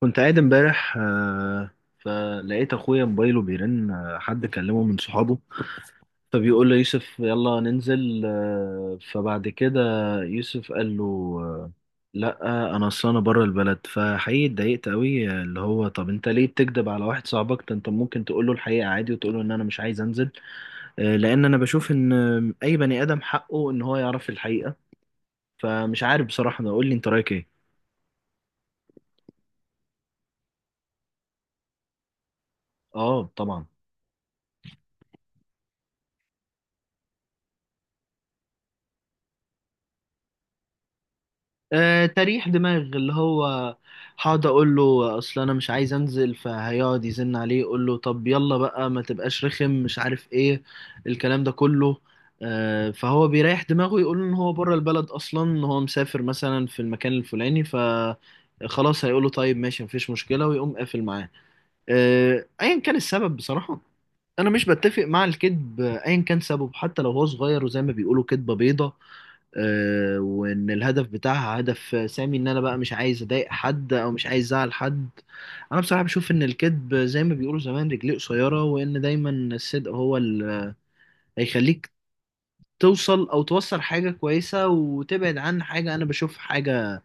كنت قاعد امبارح فلقيت اخويا موبايله بيرن حد كلمه من صحابه فبيقول له يوسف يلا ننزل فبعد كده يوسف قال له آه،، لا انا اصل انا بره البلد. فحقيقي اتضايقت قوي آه،، اللي هو طب انت ليه بتكذب على واحد صاحبك ده؟ انت ممكن تقول له الحقيقه عادي وتقول له ان انا مش عايز انزل لان انا بشوف ان اي بني ادم حقه ان هو يعرف الحقيقه. فمش عارف بصراحه، انا اقول لي انت رايك ايه؟ اه، طبعا. آه، تريح دماغ اللي هو هقعد اقول له اصل انا مش عايز انزل، فهيقعد يزن عليه يقول له طب يلا بقى، ما تبقاش رخم، مش عارف ايه، الكلام ده كله. فهو بيريح دماغه يقول ان هو بره البلد اصلا، ان هو مسافر مثلا في المكان الفلاني. خلاص هيقول له طيب ماشي، مفيش مشكلة ويقوم قافل معاه. ايا كان السبب بصراحة، انا مش بتفق مع الكذب ايا كان سببه، حتى لو هو صغير وزي ما بيقولوا كذبة بيضة وان الهدف بتاعها هدف سامي، ان انا بقى مش عايز اضايق حد او مش عايز ازعل حد. انا بصراحه بشوف ان الكذب زي ما بيقولوا زمان رجليه قصيره، وان دايما الصدق هو اللي هيخليك توصل او توصل حاجه كويسه وتبعد عن حاجه انا بشوف حاجه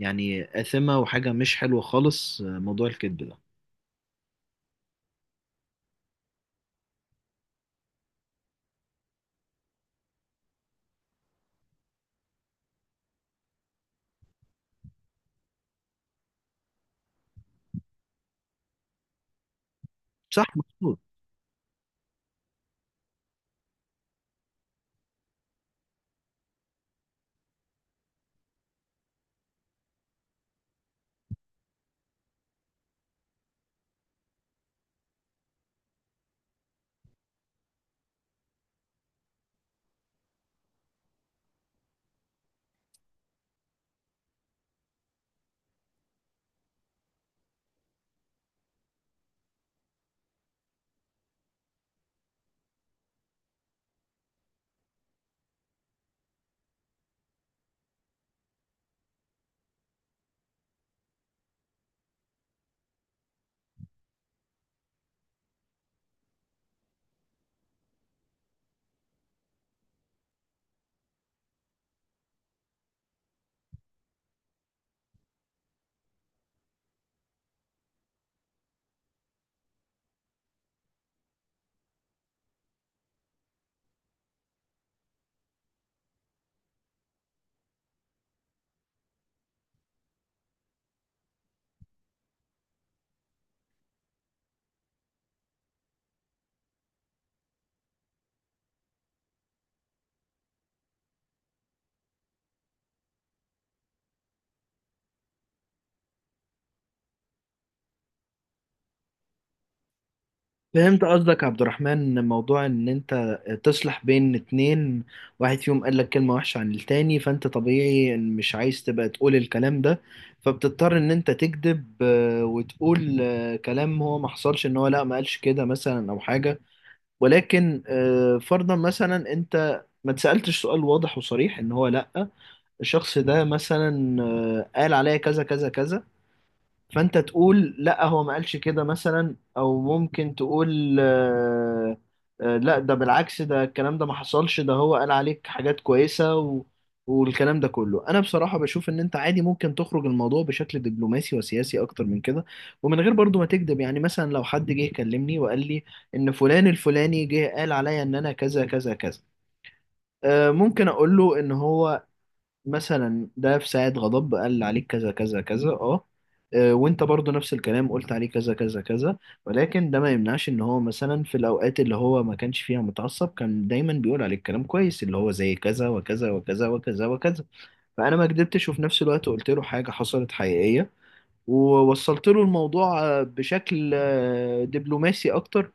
يعني آثمه وحاجه مش حلوه خالص موضوع الكذب ده. صح، مظبوط. فهمت قصدك يا عبد الرحمن، موضوع ان انت تصلح بين اتنين، واحد فيهم قال لك كلمة وحشة عن التاني، فانت طبيعي إن مش عايز تبقى تقول الكلام ده، فبتضطر ان انت تكذب آه،، وتقول كلام هو ما حصلش، ان هو لا، ما قالش كده مثلا او حاجة. ولكن فرضا مثلا انت ما تسألتش سؤال واضح وصريح ان هو لا، الشخص ده مثلا قال عليا كذا كذا كذا، فانت تقول لا، هو ما قالش كده مثلا، او ممكن تقول لا، ده بالعكس، ده الكلام ده ما حصلش، ده هو قال عليك حاجات كويسة و... والكلام ده كله، انا بصراحة بشوف ان انت عادي ممكن تخرج الموضوع بشكل دبلوماسي وسياسي اكتر من كده، ومن غير برضو ما تكذب. يعني مثلا لو حد جه كلمني وقال لي ان فلان الفلاني جه قال عليا ان انا كذا كذا كذا ممكن اقول له ان هو مثلا ده في ساعة غضب قال عليك كذا كذا كذا، اه آه،، وانت برضو نفس الكلام قلت عليه كذا كذا كذا، ولكن ده ما يمنعش ان هو مثلا في الاوقات اللي هو ما كانش فيها متعصب كان دايما بيقول عليك كلام كويس، اللي هو زي كذا وكذا وكذا وكذا وكذا. فانا ما كدبتش، وفي نفس الوقت قلت له حاجة حصلت حقيقية، ووصلت له الموضوع بشكل دبلوماسي اكتر،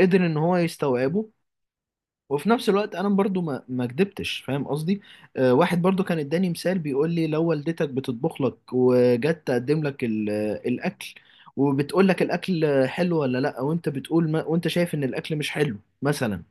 قدر ان هو يستوعبه، وفي نفس الوقت انا برضو ما كدبتش، فاهم قصدي؟ آه، واحد برضو كان اداني مثال بيقول لي، لو والدتك بتطبخ لك وجت تقدم لك الاكل، وبتقول لك الاكل حلو ولا لا، وانت بتقول ما وانت شايف ان الاكل مش حلو مثلا،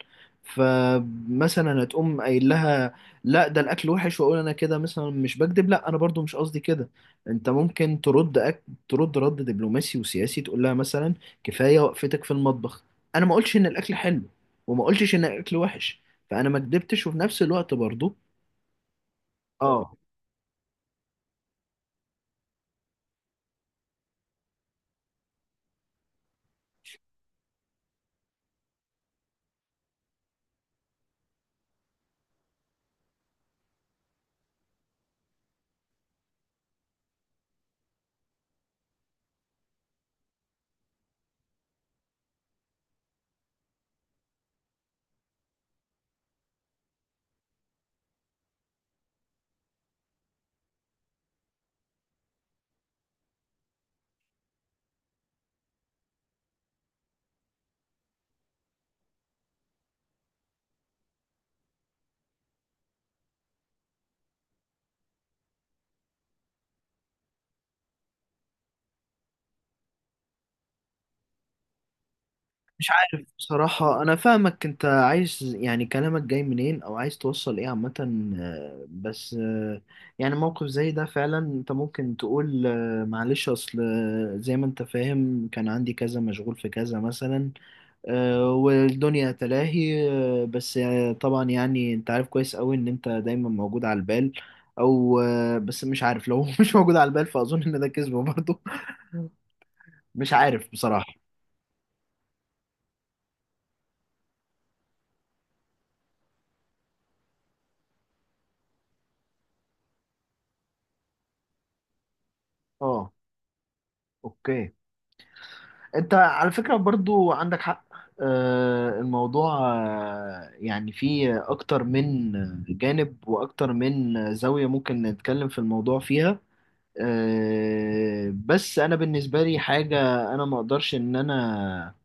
فمثلا هتقوم قايل لها لا، ده الاكل وحش، واقول انا كده مثلا مش بكذب. لا، انا برضو مش قصدي كده، انت ممكن ترد ترد رد دبلوماسي وسياسي، تقول لها مثلا كفايه وقفتك في المطبخ، انا ما قلتش ان الاكل حلو وما قلتش ان الاكل وحش، فانا ما كدبتش وفي نفس الوقت برضو. اه، مش عارف بصراحة، أنا فاهمك أنت عايز يعني كلامك جاي منين أو عايز توصل إيه عامة بس يعني موقف زي ده فعلا أنت ممكن تقول معلش أصل آه،، زي ما أنت فاهم كان عندي كذا، مشغول في كذا مثلا والدنيا تلاهي آه،، بس طبعا يعني انت عارف كويس قوي ان انت دايما موجود على البال، او بس مش عارف لو هو مش موجود على البال، فاظن ان ده كذب برضه. مش عارف بصراحة. اه، اوكي، انت على فكرة برضو عندك حق. الموضوع يعني فيه اكتر من جانب واكتر من زاوية ممكن نتكلم في الموضوع فيها. بس انا بالنسبة لي حاجة انا ما اقدرش ان انا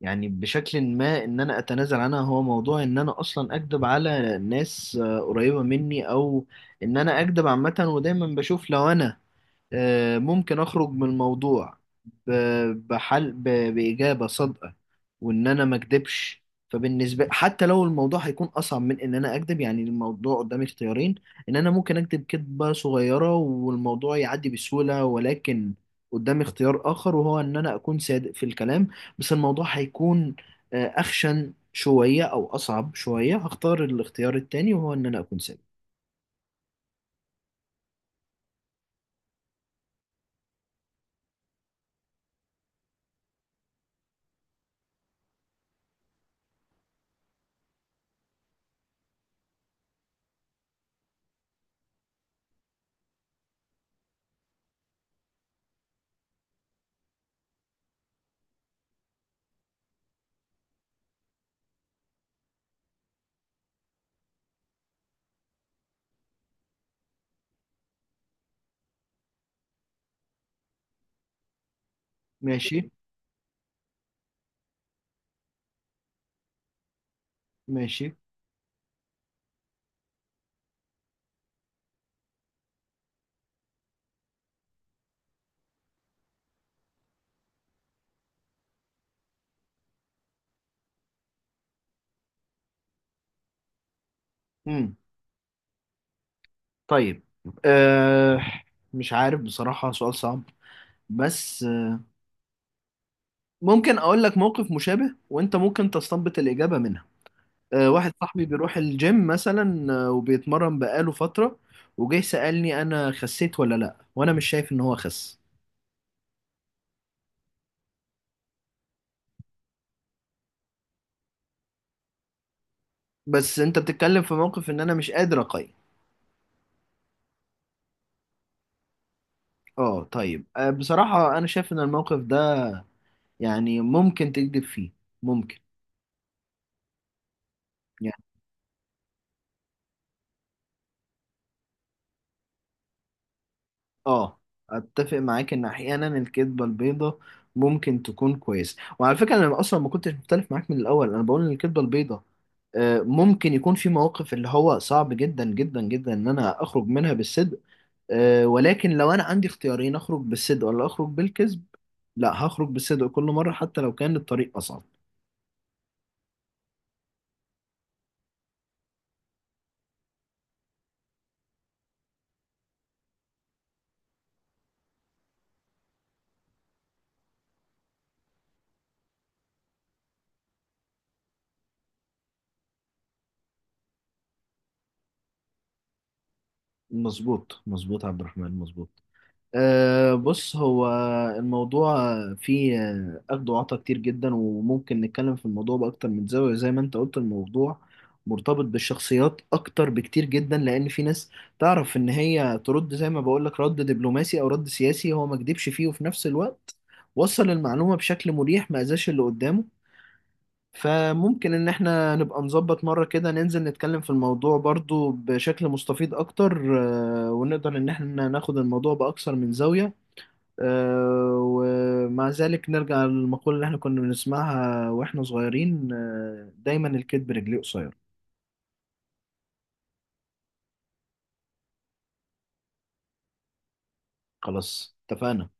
يعني بشكل ما ان انا اتنازل عنها، هو موضوع ان انا اصلا اكدب على ناس قريبة مني، او ان انا اكدب عامة. ودايما بشوف لو انا ممكن أخرج من الموضوع بحل بإجابة صادقة، وإن أنا ما أكدبش. فبالنسبة حتى لو الموضوع هيكون أصعب من إن أنا أكدب، يعني الموضوع قدامي اختيارين: إن أنا ممكن أكدب كدبة صغيرة والموضوع يعدي بسهولة، ولكن قدامي اختيار آخر وهو إن أنا أكون صادق في الكلام، بس الموضوع هيكون أخشن شوية أو أصعب شوية، هختار الاختيار التاني وهو إن أنا أكون صادق. ماشي، ماشي. مم. طيب، أه، مش عارف بصراحة، سؤال صعب، بس ممكن أقول لك موقف مشابه وأنت ممكن تستنبط الإجابة منها. أه، واحد صاحبي بيروح الجيم مثلا وبيتمرن بقاله فترة، وجاي سألني أنا خسيت ولا لأ، وأنا مش شايف إن هو خس. بس أنت بتتكلم في موقف إن أنا مش قادر أقيم. أه، طيب، أه، بصراحة أنا شايف إن الموقف ده يعني ممكن تكذب فيه، ممكن. اه، اتفق معاك ان احيانا الكذبه البيضاء ممكن تكون كويسه. وعلى فكره انا اصلا ما كنتش مختلف معاك من الاول، انا بقول ان الكذبه البيضاء ممكن يكون في مواقف اللي هو صعب جدا جدا جدا ان انا اخرج منها بالصدق ولكن لو انا عندي اختيارين: اخرج بالصدق ولا اخرج بالكذب؟ لا، هخرج بالصدق كل مره حتى لو كان الطريق اصعب. مظبوط مظبوط يا عبد الرحمن، مظبوط. أه، بص، هو الموضوع فيه أخد وعطا كتير جدا، وممكن نتكلم في الموضوع بأكتر من زاوية زي ما أنت قلت. الموضوع مرتبط بالشخصيات أكتر بكتير جدا، لأن في ناس تعرف إن هي ترد زي ما بقولك رد دبلوماسي أو رد سياسي، هو ما كدبش فيه وفي نفس الوقت وصل المعلومة بشكل مريح، ما أذاش اللي قدامه. فممكن إن إحنا نبقى نظبط مرة كده، ننزل نتكلم في الموضوع برضو بشكل مستفيض أكتر ونقدر إن إحنا ناخد الموضوع بأكثر من زاوية ومع ذلك نرجع للمقولة اللي احنا كنا بنسمعها واحنا صغيرين دايما الكذب رجليه قصير. خلاص، اتفقنا.